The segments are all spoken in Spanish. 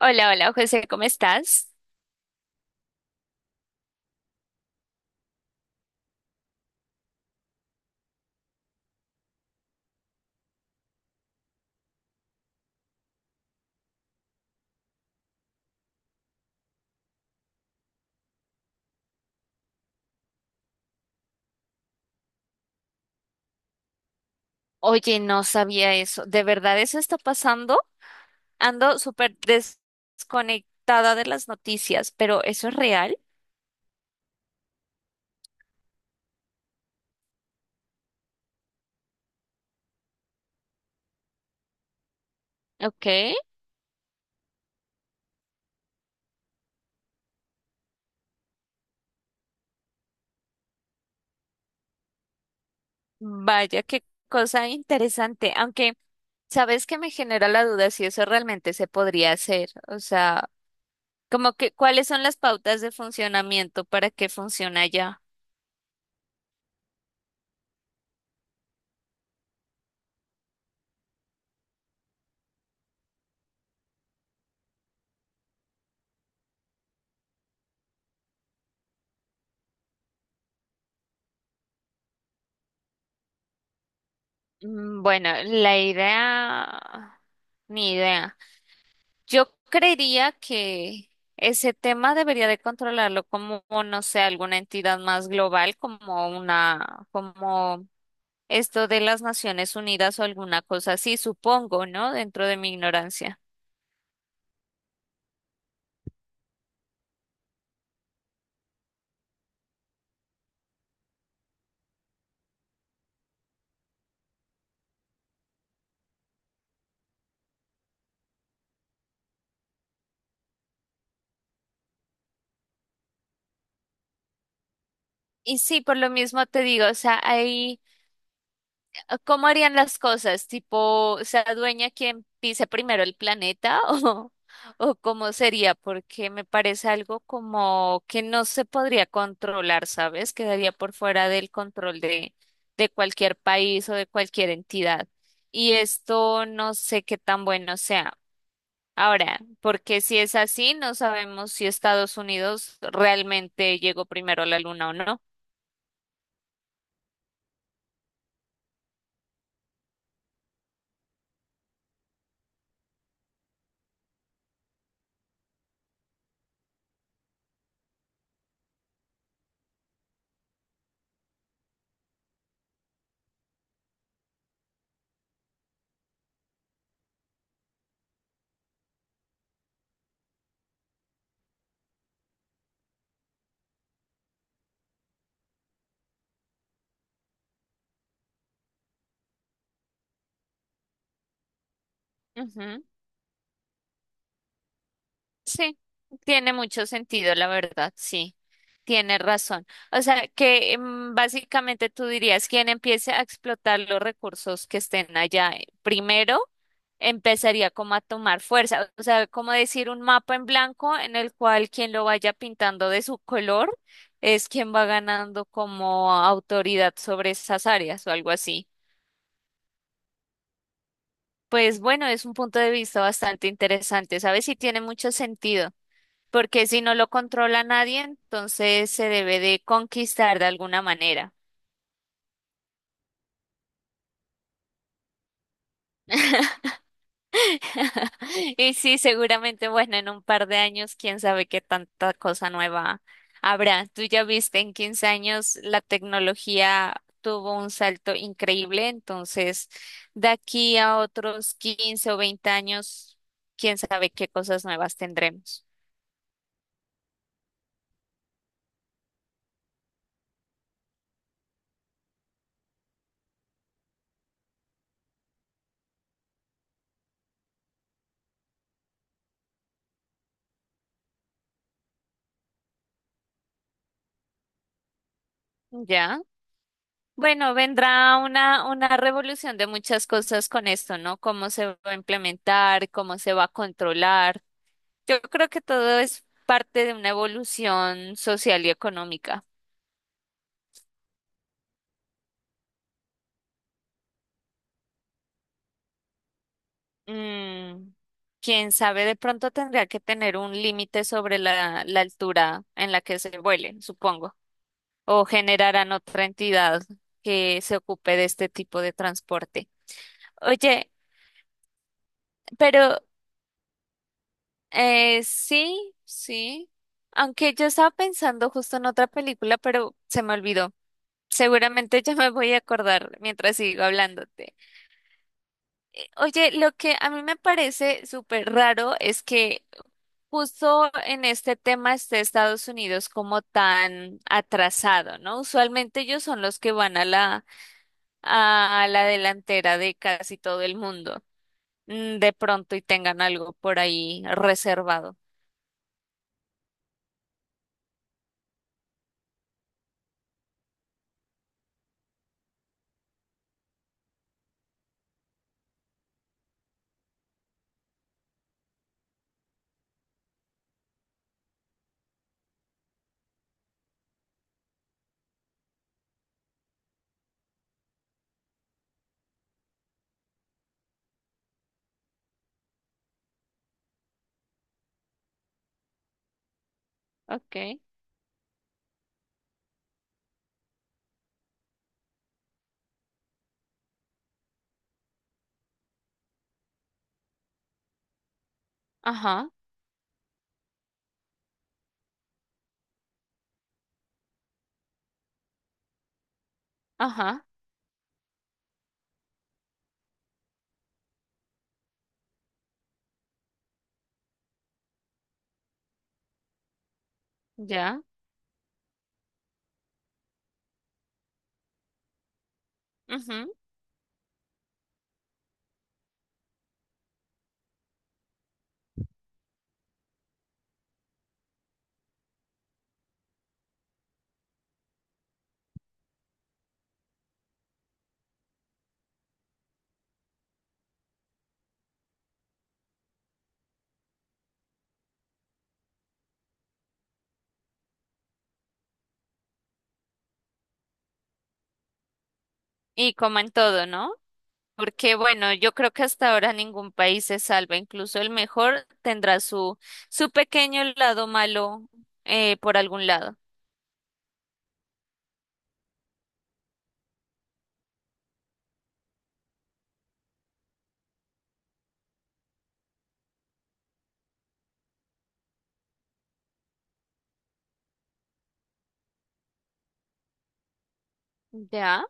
Hola, hola, José, ¿cómo estás? Oye, no sabía eso. ¿De verdad eso está pasando? Ando desconectada de las noticias, pero ¿eso es real? Ok. Vaya, qué cosa interesante. Aunque, ¿sabes que me genera la duda si eso realmente se podría hacer? O sea, como que, ¿cuáles son las pautas de funcionamiento para que funcione allá? Bueno, la idea, ni idea. Yo creería que ese tema debería de controlarlo como, no sé, alguna entidad más global, como una, como esto de las Naciones Unidas o alguna cosa así, supongo, ¿no? Dentro de mi ignorancia. Y sí, por lo mismo te digo, o sea, hay ¿cómo harían las cosas? ¿Tipo, se adueña quien pise primero el planeta o cómo sería? Porque me parece algo como que no se podría controlar, ¿sabes? Quedaría por fuera del control de cualquier país o de cualquier entidad. Y esto no sé qué tan bueno sea. Ahora, porque si es así, no sabemos si Estados Unidos realmente llegó primero a la luna o no. Ujú. Sí, tiene mucho sentido, la verdad, sí, tiene razón. O sea, que básicamente tú dirías, quien empiece a explotar los recursos que estén allá primero, empezaría como a tomar fuerza. O sea, como decir un mapa en blanco en el cual quien lo vaya pintando de su color es quien va ganando como autoridad sobre esas áreas o algo así. Pues bueno, es un punto de vista bastante interesante, ¿sabes? Y tiene mucho sentido, porque si no lo controla nadie, entonces se debe de conquistar de alguna manera. Y sí, seguramente, bueno, en un par de años, quién sabe qué tanta cosa nueva habrá. Tú ya viste, en 15 años la tecnología tuvo un salto increíble, entonces de aquí a otros 15 o 20 años, quién sabe qué cosas nuevas tendremos. ¿Ya? Bueno, vendrá una revolución de muchas cosas con esto, ¿no? Cómo se va a implementar, cómo se va a controlar. Yo creo que todo es parte de una evolución social y económica. Mm, Quién sabe, de pronto tendría que tener un límite sobre la altura en la que se vuele, supongo, o generarán otra entidad que se ocupe de este tipo de transporte. Oye, pero sí, sí. Aunque yo estaba pensando justo en otra película, pero se me olvidó. Seguramente ya me voy a acordar mientras sigo hablándote. Oye, lo que a mí me parece súper raro es que justo en este tema esté Estados Unidos como tan atrasado, ¿no? Usualmente ellos son los que van a la delantera de casi todo el mundo, de pronto y tengan algo por ahí reservado. Ok, ajá, ajá. Ya. Ujú. Y como todo, ¿no? Porque bueno, yo creo que hasta ahora ningún país se salva, incluso el mejor tendrá su, su pequeño lado malo por algún lado. Ya.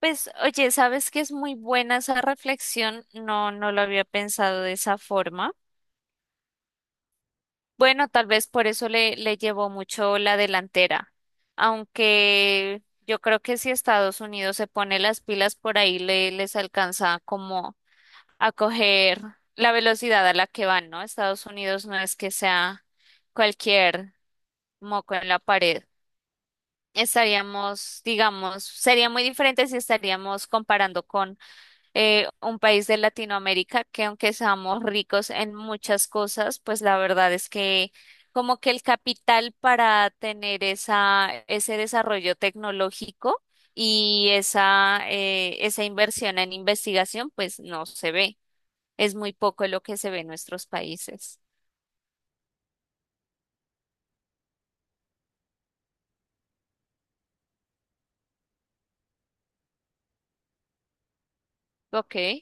Pues oye, ¿sabes que es muy buena esa reflexión? No, no lo había pensado de esa forma. Bueno, tal vez por eso le llevó mucho la delantera, aunque yo creo que si Estados Unidos se pone las pilas por ahí le, les alcanza como a coger la velocidad a la que van, ¿no? Estados Unidos no es que sea cualquier moco en la pared. Estaríamos, digamos, sería muy diferente si estaríamos comparando con un país de Latinoamérica que aunque seamos ricos en muchas cosas, pues la verdad es que como que el capital para tener esa, ese desarrollo tecnológico y esa, esa inversión en investigación, pues no se ve. Es muy poco lo que se ve en nuestros países. Ok.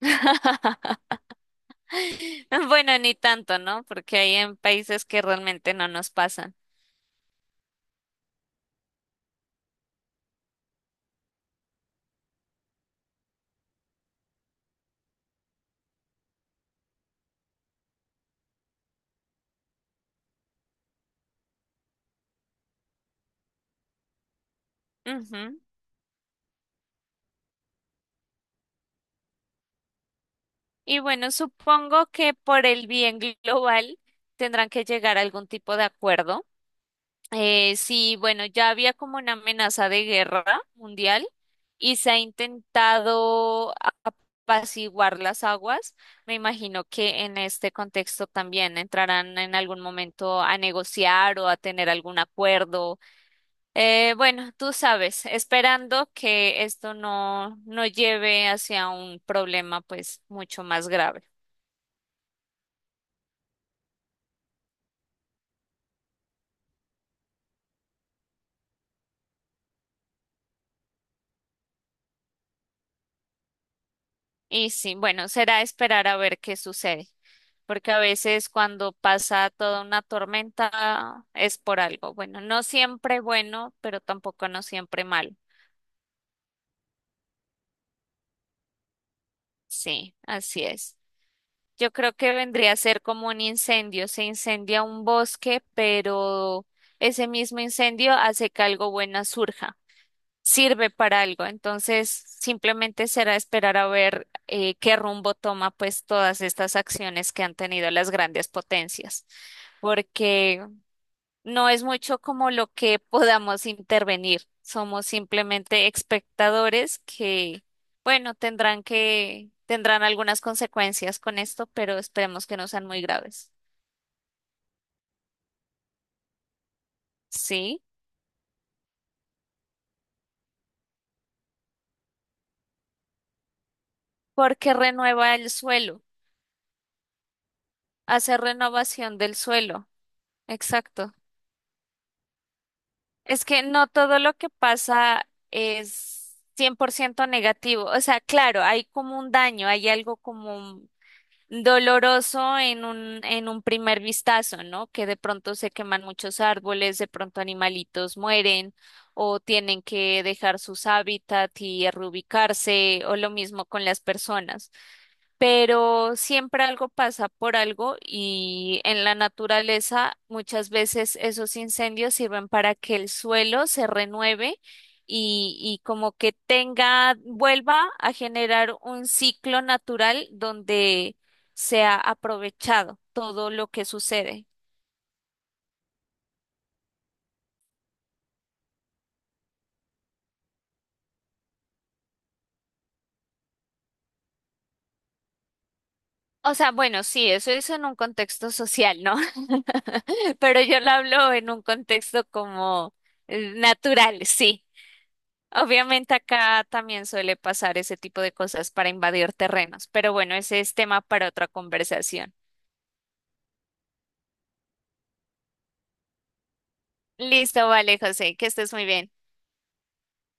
Bueno, ni tanto, ¿no? Porque hay en países que realmente no nos pasan. Ujú. Y bueno, supongo que por el bien global tendrán que llegar a algún tipo de acuerdo. Sí, bueno, ya había como una amenaza de guerra mundial y se ha intentado apaciguar las aguas. Me imagino que en este contexto también entrarán en algún momento a negociar o a tener algún acuerdo. Bueno, tú sabes, esperando que esto no, no lleve hacia un problema pues mucho más grave. Y sí, bueno, será esperar a ver qué sucede, porque a veces cuando pasa toda una tormenta es por algo. Bueno, no siempre bueno, pero tampoco no siempre malo. Sí, así es. Yo creo que vendría a ser como un incendio. Se incendia un bosque, pero ese mismo incendio hace que algo bueno surja, sirve para algo. Entonces, simplemente será esperar a ver qué rumbo toma pues todas estas acciones que han tenido las grandes potencias, porque no es mucho como lo que podamos intervenir. Somos simplemente espectadores que, bueno, tendrán que, tendrán algunas consecuencias con esto, pero esperemos que no sean muy graves. Sí, porque renueva el suelo, hace renovación del suelo. Exacto. Es que no todo lo que pasa es 100% negativo. O sea, claro, hay como un daño, hay algo como doloroso en un primer vistazo, ¿no? Que de pronto se queman muchos árboles, de pronto animalitos mueren o tienen que dejar sus hábitats y reubicarse o lo mismo con las personas, pero siempre algo pasa por algo y en la naturaleza muchas veces esos incendios sirven para que el suelo se renueve y como que tenga, vuelva a generar un ciclo natural donde sea aprovechado todo lo que sucede. O sea, bueno, sí, eso es en un contexto social, ¿no? Pero yo lo hablo en un contexto como natural, sí. Obviamente acá también suele pasar ese tipo de cosas para invadir terrenos, pero bueno, ese es tema para otra conversación. Listo, vale, José, que estés muy bien.